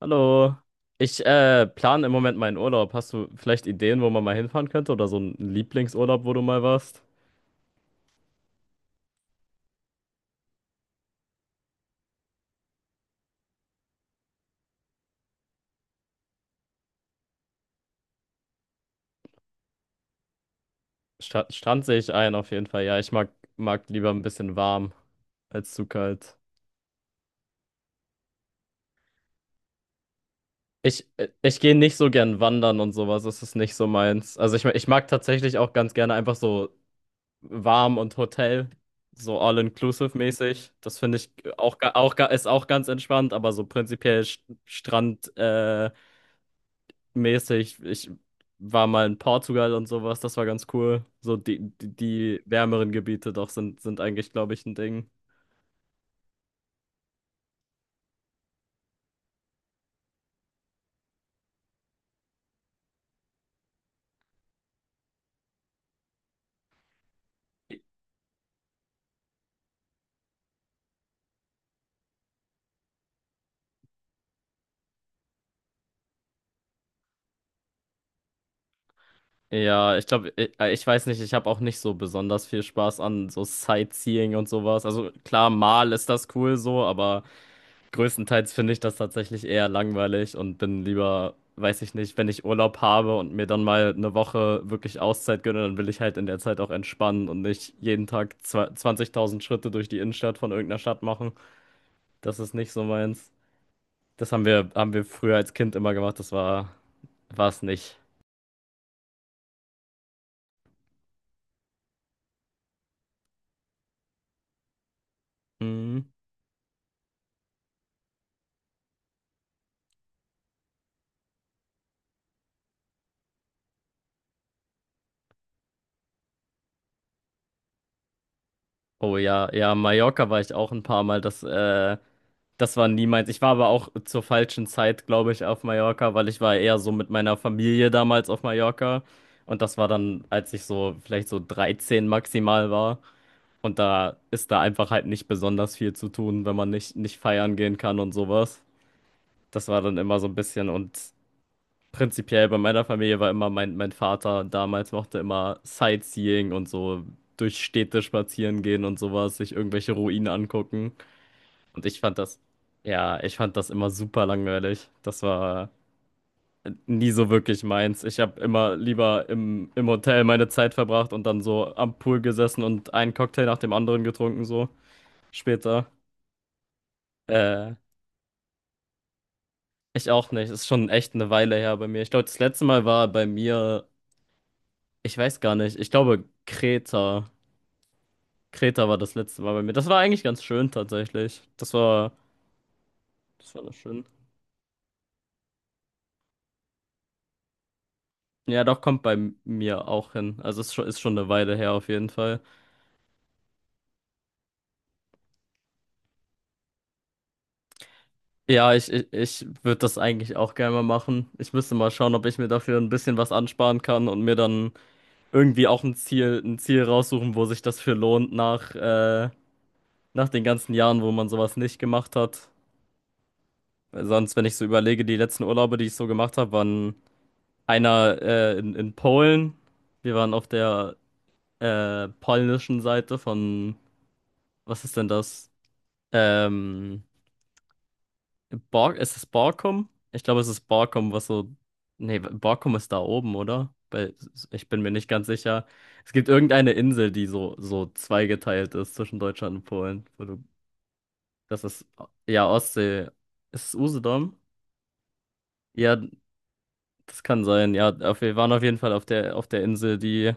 Hallo. Ich plane im Moment meinen Urlaub. Hast du vielleicht Ideen, wo man mal hinfahren könnte? Oder so einen Lieblingsurlaub, wo du mal warst? Sta Strand sehe ich ein, auf jeden Fall. Ja, ich mag lieber ein bisschen warm als zu kalt. Ich gehe nicht so gern wandern und sowas. Das ist nicht so meins. Also ich mag tatsächlich auch ganz gerne einfach so warm und Hotel. So all-inclusive-mäßig. Das finde ich auch, ist auch ganz entspannt, aber so prinzipiell Strand, mäßig. Ich war mal in Portugal und sowas, das war ganz cool. So die wärmeren Gebiete doch sind eigentlich, glaube ich, ein Ding. Ja, ich glaube, ich weiß nicht, ich habe auch nicht so besonders viel Spaß an so Sightseeing und sowas. Also klar, mal ist das cool so, aber größtenteils finde ich das tatsächlich eher langweilig und bin lieber, weiß ich nicht, wenn ich Urlaub habe und mir dann mal eine Woche wirklich Auszeit gönne, dann will ich halt in der Zeit auch entspannen und nicht jeden Tag 20.000 Schritte durch die Innenstadt von irgendeiner Stadt machen. Das ist nicht so meins. Das haben wir früher als Kind immer gemacht, das war es nicht. Hm. Oh ja, ja, Mallorca war ich auch ein paar Mal. Das war nie meins. Ich war aber auch zur falschen Zeit, glaube ich, auf Mallorca, weil ich war eher so mit meiner Familie damals auf Mallorca. Und das war dann, als ich so vielleicht so 13 maximal war. Und da ist da einfach halt nicht besonders viel zu tun, wenn man nicht feiern gehen kann und sowas. Das war dann immer so ein bisschen und prinzipiell bei meiner Familie war immer mein Vater damals mochte immer Sightseeing und so durch Städte spazieren gehen und sowas, sich irgendwelche Ruinen angucken. Und ja, ich fand das immer super langweilig. Das war nie so wirklich meins. Ich habe immer lieber im Hotel meine Zeit verbracht und dann so am Pool gesessen und einen Cocktail nach dem anderen getrunken, so später. Äh, Ich auch nicht. Ist schon echt eine Weile her bei mir. Ich glaube, das letzte Mal war bei mir, ich weiß gar nicht, ich glaube Kreta. Kreta war das letzte Mal bei mir. Das war eigentlich ganz schön tatsächlich. Das war noch schön. Ja, doch kommt bei mir auch hin. Also es ist schon eine Weile her auf jeden Fall. Ja, ich würde das eigentlich auch gerne mal machen. Ich müsste mal schauen, ob ich mir dafür ein bisschen was ansparen kann und mir dann irgendwie auch ein Ziel raussuchen, wo sich das für lohnt nach den ganzen Jahren, wo man sowas nicht gemacht hat. Weil sonst, wenn ich so überlege, die letzten Urlaube, die ich so gemacht habe, waren einer in Polen. Wir waren auf der polnischen Seite von, was ist denn das? Ähm, ist es Barcom? Ich glaube, es ist Barcom, was so. Nee, Barcom ist da oben, oder? Weil ich bin mir nicht ganz sicher. Es gibt irgendeine Insel, die so zweigeteilt ist zwischen Deutschland und Polen. Das ist, ja, Ostsee. Ist es Usedom? Ja, das kann sein. Ja, wir waren auf jeden Fall auf der Insel,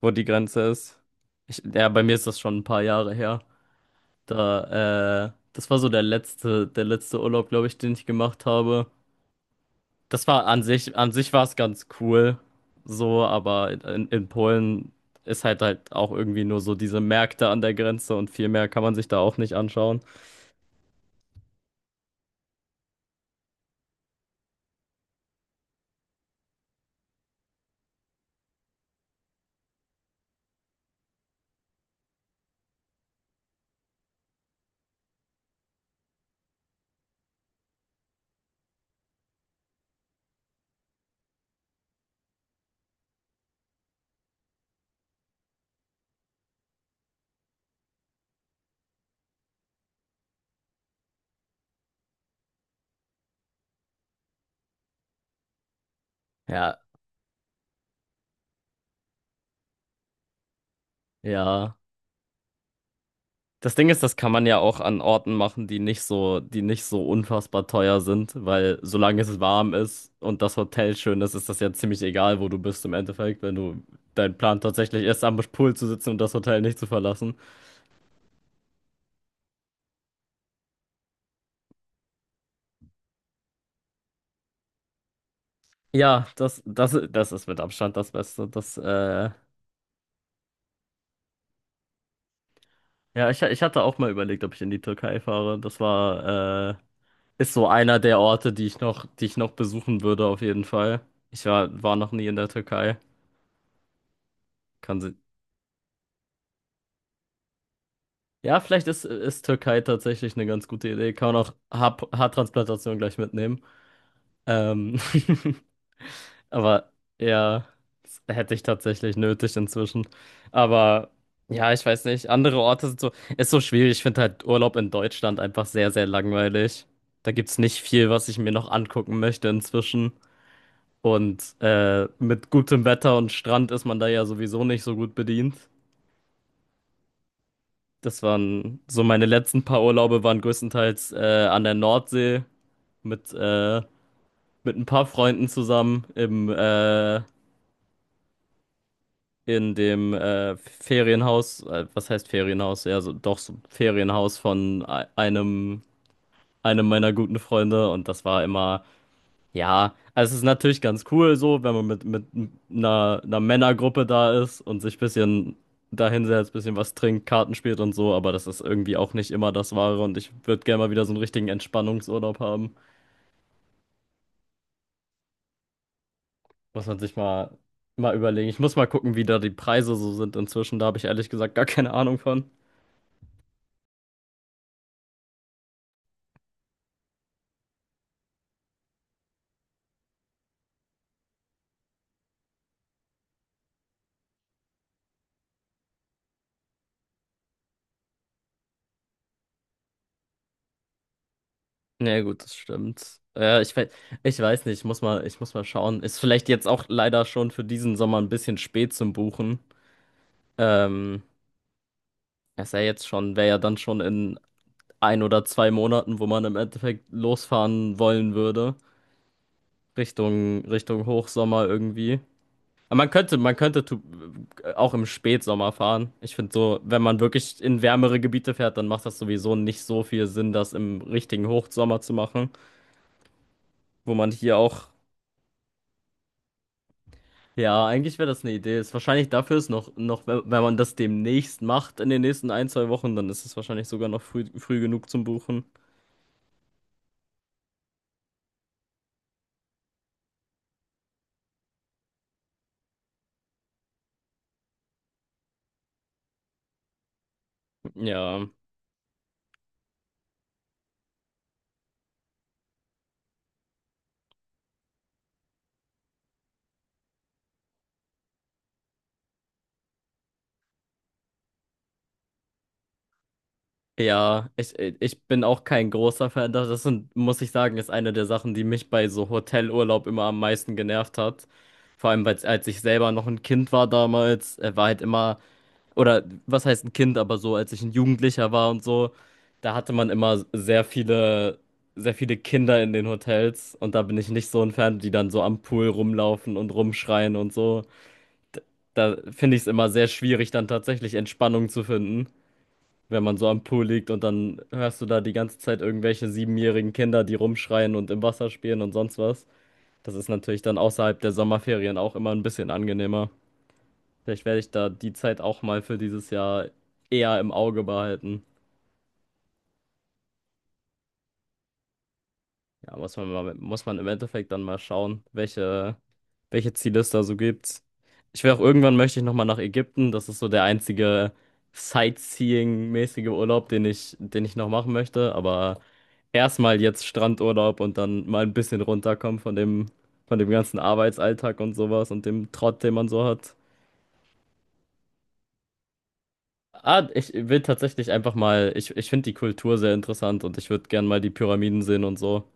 wo die Grenze ist. Ja, bei mir ist das schon ein paar Jahre her. Das war so der letzte Urlaub, glaube ich, den ich gemacht habe. Das war an sich, An sich war es ganz cool, so, aber in Polen ist halt auch irgendwie nur so diese Märkte an der Grenze und viel mehr kann man sich da auch nicht anschauen. Ja, ja. Das Ding ist, das kann man ja auch an Orten machen, die nicht so unfassbar teuer sind, weil solange es warm ist und das Hotel schön ist, ist das ja ziemlich egal, wo du bist im Endeffekt, wenn du dein Plan tatsächlich ist, am Pool zu sitzen und das Hotel nicht zu verlassen. Ja, das ist mit Abstand das Beste. Ja, ich hatte auch mal überlegt, ob ich in die Türkei fahre. Ist so einer der Orte, die ich noch besuchen würde, auf jeden Fall. Ich war noch nie in der Türkei. Kann sie. Ja, vielleicht ist Türkei tatsächlich eine ganz gute Idee. Kann man auch Haartransplantation gleich mitnehmen. Ähm. Aber ja, das hätte ich tatsächlich nötig inzwischen. Aber ja, ich weiß nicht. Andere Orte sind so, ist so schwierig. Ich finde halt Urlaub in Deutschland einfach sehr, sehr langweilig. Da gibt's nicht viel, was ich mir noch angucken möchte inzwischen. Und mit gutem Wetter und Strand ist man da ja sowieso nicht so gut bedient. Das waren so meine letzten paar Urlaube waren größtenteils an der Nordsee mit, äh, mit ein paar Freunden zusammen im in dem Ferienhaus, was heißt Ferienhaus? Ja, so, doch so Ferienhaus von einem meiner guten Freunde und das war immer, ja, also es ist natürlich ganz cool so, wenn man mit einer Männergruppe da ist und sich ein bisschen dahinsetzt, ein bisschen was trinkt, Karten spielt und so, aber das ist irgendwie auch nicht immer das Wahre und ich würde gerne mal wieder so einen richtigen Entspannungsurlaub haben. Muss man sich mal überlegen. Ich muss mal gucken, wie da die Preise so sind inzwischen, da habe ich ehrlich gesagt gar keine Ahnung von. Ja, gut, das stimmt. Ja, ich weiß nicht, ich muss mal schauen. Ist vielleicht jetzt auch leider schon für diesen Sommer ein bisschen spät zum Buchen. Ähm, Ist ja jetzt schon, wäre ja dann schon in ein oder zwei Monaten, wo man im Endeffekt losfahren wollen würde. Richtung Hochsommer irgendwie. Aber man könnte auch im Spätsommer fahren. Ich finde so, wenn man wirklich in wärmere Gebiete fährt, dann macht das sowieso nicht so viel Sinn, das im richtigen Hochsommer zu machen, wo man hier auch. Ja, eigentlich wäre das eine Idee. Ist wahrscheinlich dafür ist wenn man das demnächst macht, in den nächsten ein, zwei Wochen, dann ist es wahrscheinlich sogar noch früh genug zum Buchen. Ja. Ja, ich bin auch kein großer Fan. Das ist, und muss ich sagen, ist eine der Sachen, die mich bei so Hotelurlaub immer am meisten genervt hat. Vor allem, weil als ich selber noch ein Kind war damals, war halt immer oder was heißt ein Kind, aber so, als ich ein Jugendlicher war und so, da hatte man immer sehr viele Kinder in den Hotels und da bin ich nicht so ein Fan, die dann so am Pool rumlaufen und rumschreien und so. D- Da finde ich es immer sehr schwierig, dann tatsächlich Entspannung zu finden, wenn man so am Pool liegt und dann hörst du da die ganze Zeit irgendwelche siebenjährigen Kinder, die rumschreien und im Wasser spielen und sonst was. Das ist natürlich dann außerhalb der Sommerferien auch immer ein bisschen angenehmer. Vielleicht werde ich da die Zeit auch mal für dieses Jahr eher im Auge behalten. Ja, muss man mal, muss man im Endeffekt dann mal schauen, welche Ziele es da so gibt. Ich will auch irgendwann möchte ich nochmal nach Ägypten. Das ist so der einzige sightseeing-mäßige Urlaub, den ich noch machen möchte. Aber erstmal jetzt Strandurlaub und dann mal ein bisschen runterkommen von dem ganzen Arbeitsalltag und sowas und dem Trott, den man so hat. Ah, ich will tatsächlich einfach mal, ich finde die Kultur sehr interessant und ich würde gern mal die Pyramiden sehen und so.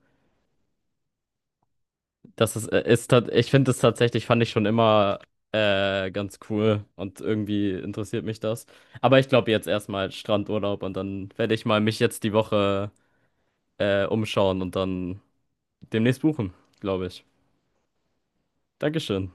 Das ist, ist tat- Ich finde es tatsächlich, fand ich schon immer ganz cool und irgendwie interessiert mich das. Aber ich glaube jetzt erstmal Strandurlaub und dann werde ich mal mich jetzt die Woche umschauen und dann demnächst buchen, glaube ich. Dankeschön.